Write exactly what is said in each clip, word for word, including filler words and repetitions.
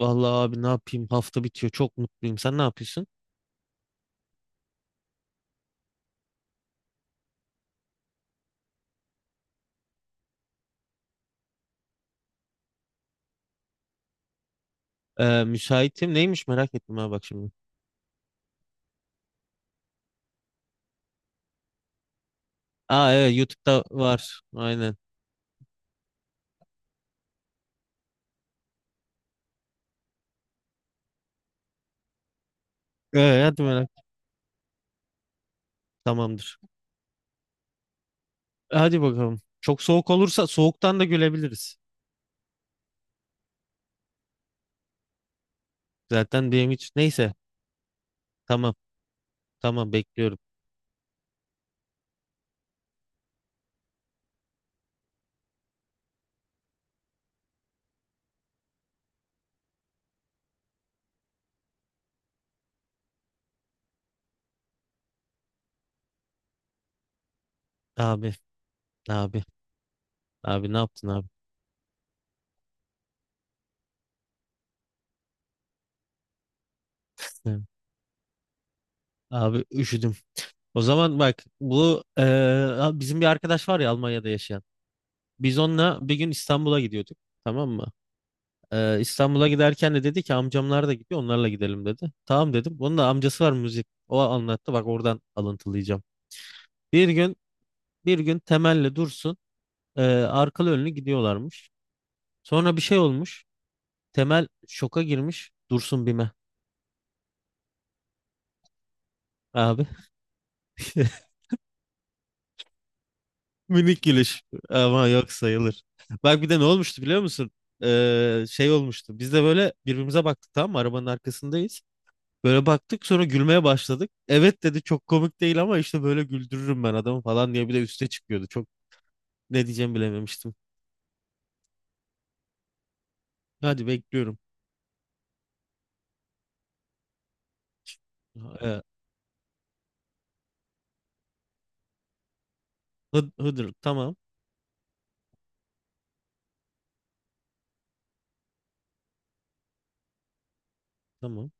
Vallahi abi ne yapayım? Hafta bitiyor. Çok mutluyum. Sen ne yapıyorsun? Ee, müsaitim. Neymiş merak ettim, ha bak şimdi. Aa, evet YouTube'da var. Aynen. Ee, hadi merak. Tamamdır. Hadi bakalım. Çok soğuk olursa soğuktan da gülebiliriz. Zaten benim hiç. Neyse. Tamam. Tamam, bekliyorum. Abi. Abi. Abi, ne yaptın abi? Hı. Abi üşüdüm. O zaman bak, bu e, bizim bir arkadaş var ya Almanya'da yaşayan. Biz onunla bir gün İstanbul'a gidiyorduk. Tamam mı? Ee, İstanbul'a giderken de dedi ki amcamlar da gidiyor, onlarla gidelim dedi. Tamam dedim. Onun da amcası var müzik. O anlattı, bak oradan alıntılayacağım. Bir gün bir gün Temel'le Dursun e, arkalı önlü gidiyorlarmış. Sonra bir şey olmuş. Temel şoka girmiş. Dursun Bime abi. Minik gülüş ama yok sayılır. Bak bir de ne olmuştu biliyor musun? Ee, şey olmuştu. Biz de böyle birbirimize baktık, tamam mı? Arabanın arkasındayız. Böyle baktık sonra gülmeye başladık. Evet dedi, çok komik değil ama işte böyle güldürürüm ben adamı falan diye bir de üste çıkıyordu. Çok ne diyeceğimi bilememiştim. Hadi bekliyorum. Ee, Hıd- Hıdır, tamam tamam.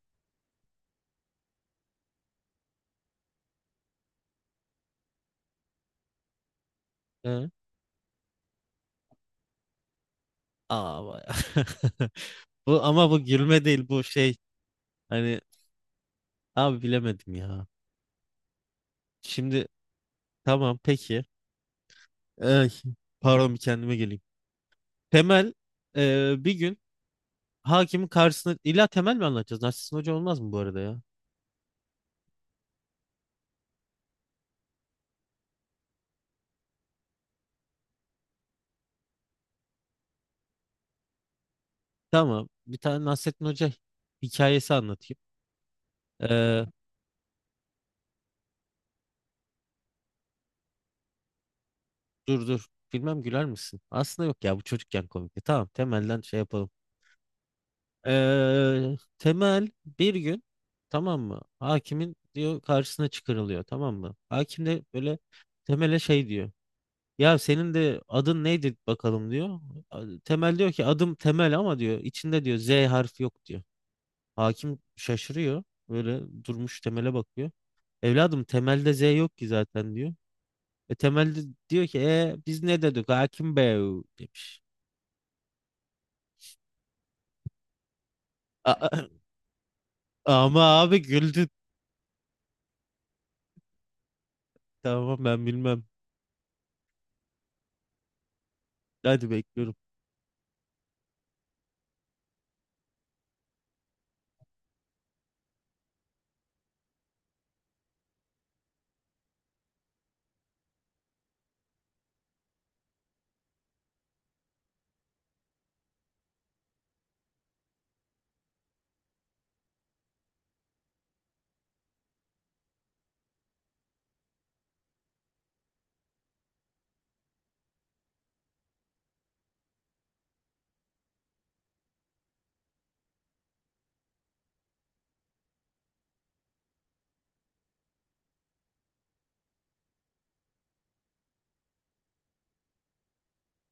Ee, Aa, vay. Bu, ama bu gülme değil, bu şey hani abi, bilemedim ya. Şimdi tamam peki. Ay, pardon bir kendime geleyim. Temel ee, bir gün hakimin karşısına, illa Temel mi anlatacağız? Nasrettin Hoca olmaz mı bu arada ya? Tamam, bir tane Nasrettin Hoca hikayesi anlatayım. Ee, Dur dur. Bilmem güler misin? Aslında yok ya, bu çocukken komikti. Tamam, temelden şey yapalım. Ee, temel bir gün, tamam mı? Hakimin diyor karşısına çıkarılıyor, tamam mı? Hakim de böyle temele şey diyor. Ya senin de adın neydi bakalım diyor. A- Temel diyor ki adım Temel ama diyor içinde diyor Z harfi yok diyor. Hakim şaşırıyor. Böyle durmuş temele bakıyor. Evladım, temelde Z yok ki zaten diyor. E temelde diyor ki e, biz ne dedik hakim bey demiş. A- a- Ama abi güldü. Tamam ben bilmem. Hadi bekliyorum.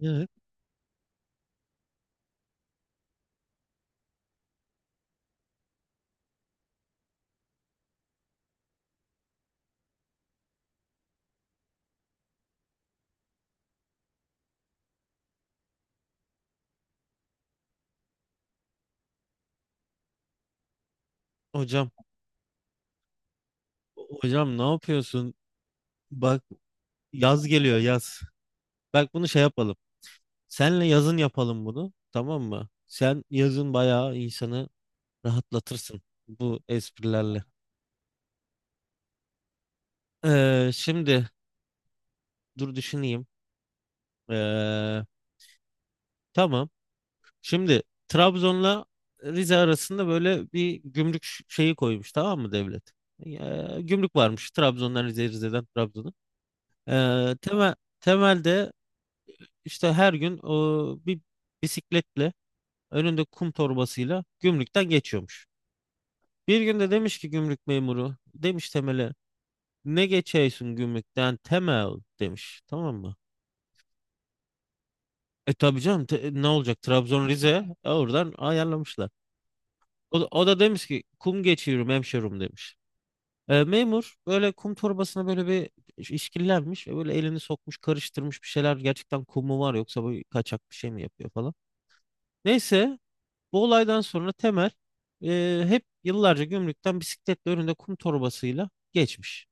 Evet, hocam hocam ne yapıyorsun? Bak yaz geliyor yaz. Bak bunu şey yapalım. Senle yazın yapalım bunu. Tamam mı? Sen yazın bayağı insanı rahatlatırsın bu esprilerle. Ee, şimdi dur düşüneyim. Ee, tamam. Şimdi Trabzon'la Rize arasında böyle bir gümrük ş- şeyi koymuş, tamam mı devlet? Ee, gümrük varmış Trabzon'dan Rize'ye, Rize'den Trabzon'a. Ee, temel, Temelde işte her gün o, bir bisikletle önünde kum torbasıyla gümrükten geçiyormuş. Bir günde demiş ki gümrük memuru, demiş Temel'e ne geçiyorsun gümrükten Temel demiş, tamam mı? E tabii canım te- ne olacak, Trabzon Rize, E, oradan ayarlamışlar. O, da- o da demiş ki kum geçiyorum hemşerim demiş. E, memur böyle kum torbasına böyle bir iş- işkillenmiş ve böyle elini sokmuş karıştırmış, bir şeyler gerçekten kum mu var yoksa bu kaçak bir şey mi yapıyor falan. Neyse, bu olaydan sonra Temel e, hep yıllarca gümrükten bisikletle önünde kum torbasıyla geçmiş.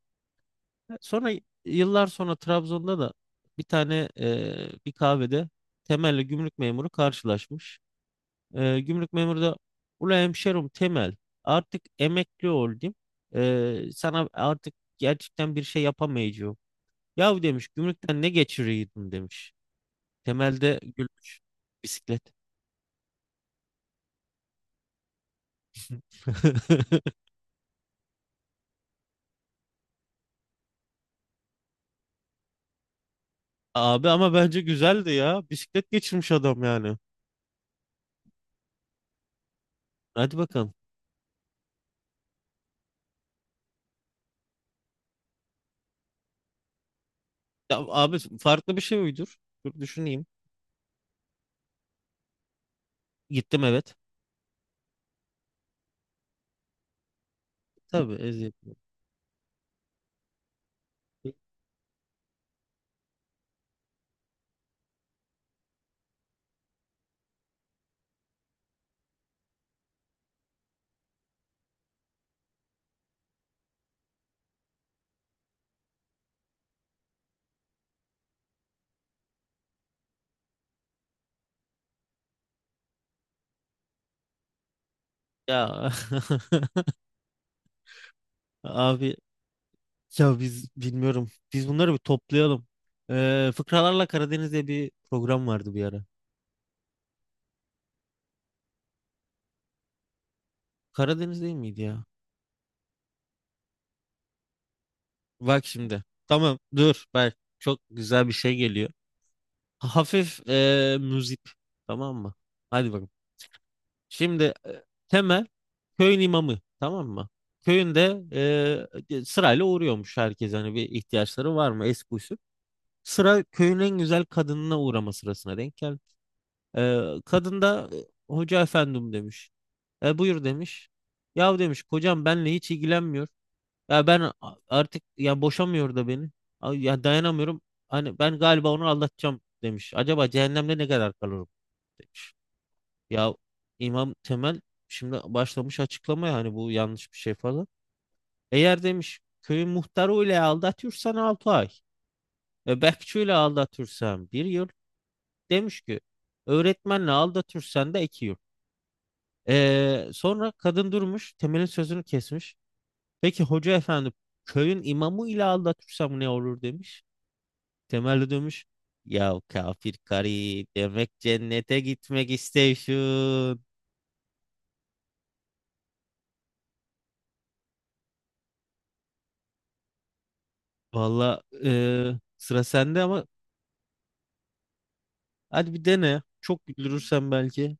Sonra yıllar sonra Trabzon'da da bir tane e, bir kahvede Temel'le gümrük memuru karşılaşmış. E, gümrük memuru da ula hemşerim Temel, artık emekli oldum. E, sana artık gerçekten bir şey yapamayacağım. Yahu demiş gümrükten ne geçiriyordun demiş. Temel de gülmüş. Bisiklet. Abi ama bence güzeldi ya. Bisiklet geçirmiş adam yani. Hadi bakalım. Ya abi, farklı bir şey uydur. Dur düşüneyim. Gittim, evet. Tabii, eziyet. Ya, abi ya biz bilmiyorum. Biz bunları bir toplayalım. Ee, Fıkralarla Karadeniz diye bir program vardı bir ara. Karadeniz değil miydi ya? Bak şimdi. Tamam dur. Bak çok güzel bir şey geliyor. Hafif ee, müzik. Tamam mı? Hadi bakalım. Şimdi e, Temel köyün imamı, tamam mı? Köyünde e, e, sırayla uğruyormuş herkes, hani bir ihtiyaçları var mı, eski usul. Sıra köyün en güzel kadınına uğrama sırasına denk geldi. E, kadın da e, hoca efendim demiş. E, buyur demiş. Yahu demiş kocam benle hiç ilgilenmiyor. Ya ben a- artık ya, boşamıyor da beni. Ay, ya dayanamıyorum. Hani ben galiba onu aldatacağım demiş. Acaba cehennemde ne kadar kalırım? Demiş. Ya, İmam Temel şimdi başlamış açıklamaya, hani bu yanlış bir şey falan. Eğer demiş köyün muhtarı ile aldatıyorsan altı ay. E, bekçi ile aldatıyorsan bir yıl. Demiş ki öğretmenle aldatıyorsan da iki yıl. E, sonra kadın durmuş Temel'in sözünü kesmiş. Peki hoca efendi, köyün imamı ile aldatırsam ne olur demiş. Temel de demiş ya kafir karı, demek cennete gitmek istiyorsun. Valla e, sıra sende ama. Hadi bir dene. Çok güldürürsen belki.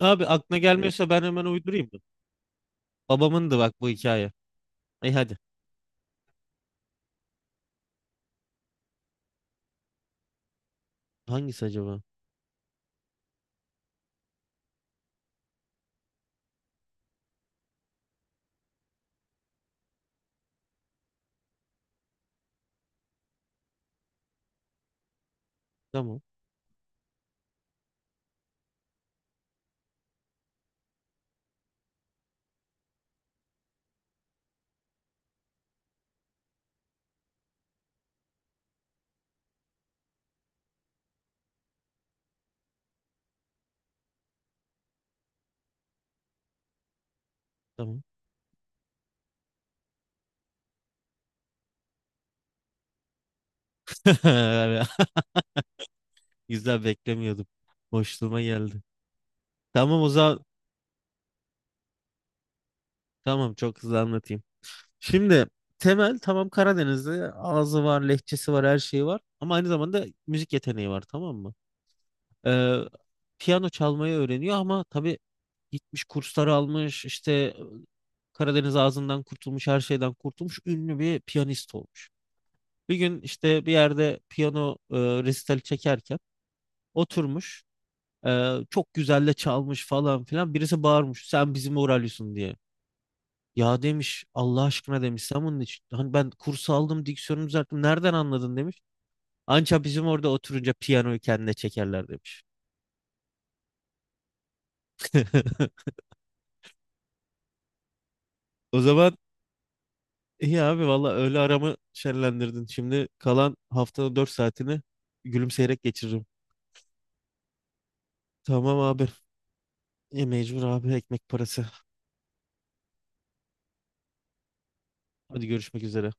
Abi aklına gelmiyorsa ben hemen uydurayım mı? Babamındı bak bu hikaye. Ay hadi. Hangisi acaba? Tamam. Tamam. Güzel, beklemiyordum. Boşluğuma geldi. Tamam o zaman. Tamam, çok hızlı anlatayım. Şimdi Temel, tamam, Karadenizli ağzı var, lehçesi var, her şeyi var. Ama aynı zamanda müzik yeteneği var, tamam mı? Ee, Piyano çalmayı öğreniyor ama tabii gitmiş kurslar almış işte, Karadeniz ağzından kurtulmuş, her şeyden kurtulmuş, ünlü bir piyanist olmuş. Bir gün işte bir yerde piyano e, resitali çekerken oturmuş, e, çok güzel de çalmış falan filan, birisi bağırmış sen bizim Oralyos'un diye. Ya demiş Allah aşkına demiş sen bunun için, hani ben kursu aldım diksiyonu düzelttim, nereden anladın demiş. Anca bizim orada oturunca piyanoyu kendine çekerler demiş. O zaman İyi abi valla, öğle aramı şenlendirdin. Şimdi kalan haftanın dört saatini gülümseyerek geçiririm. Tamam abi. Ya mecbur abi, ekmek parası. Hadi görüşmek üzere.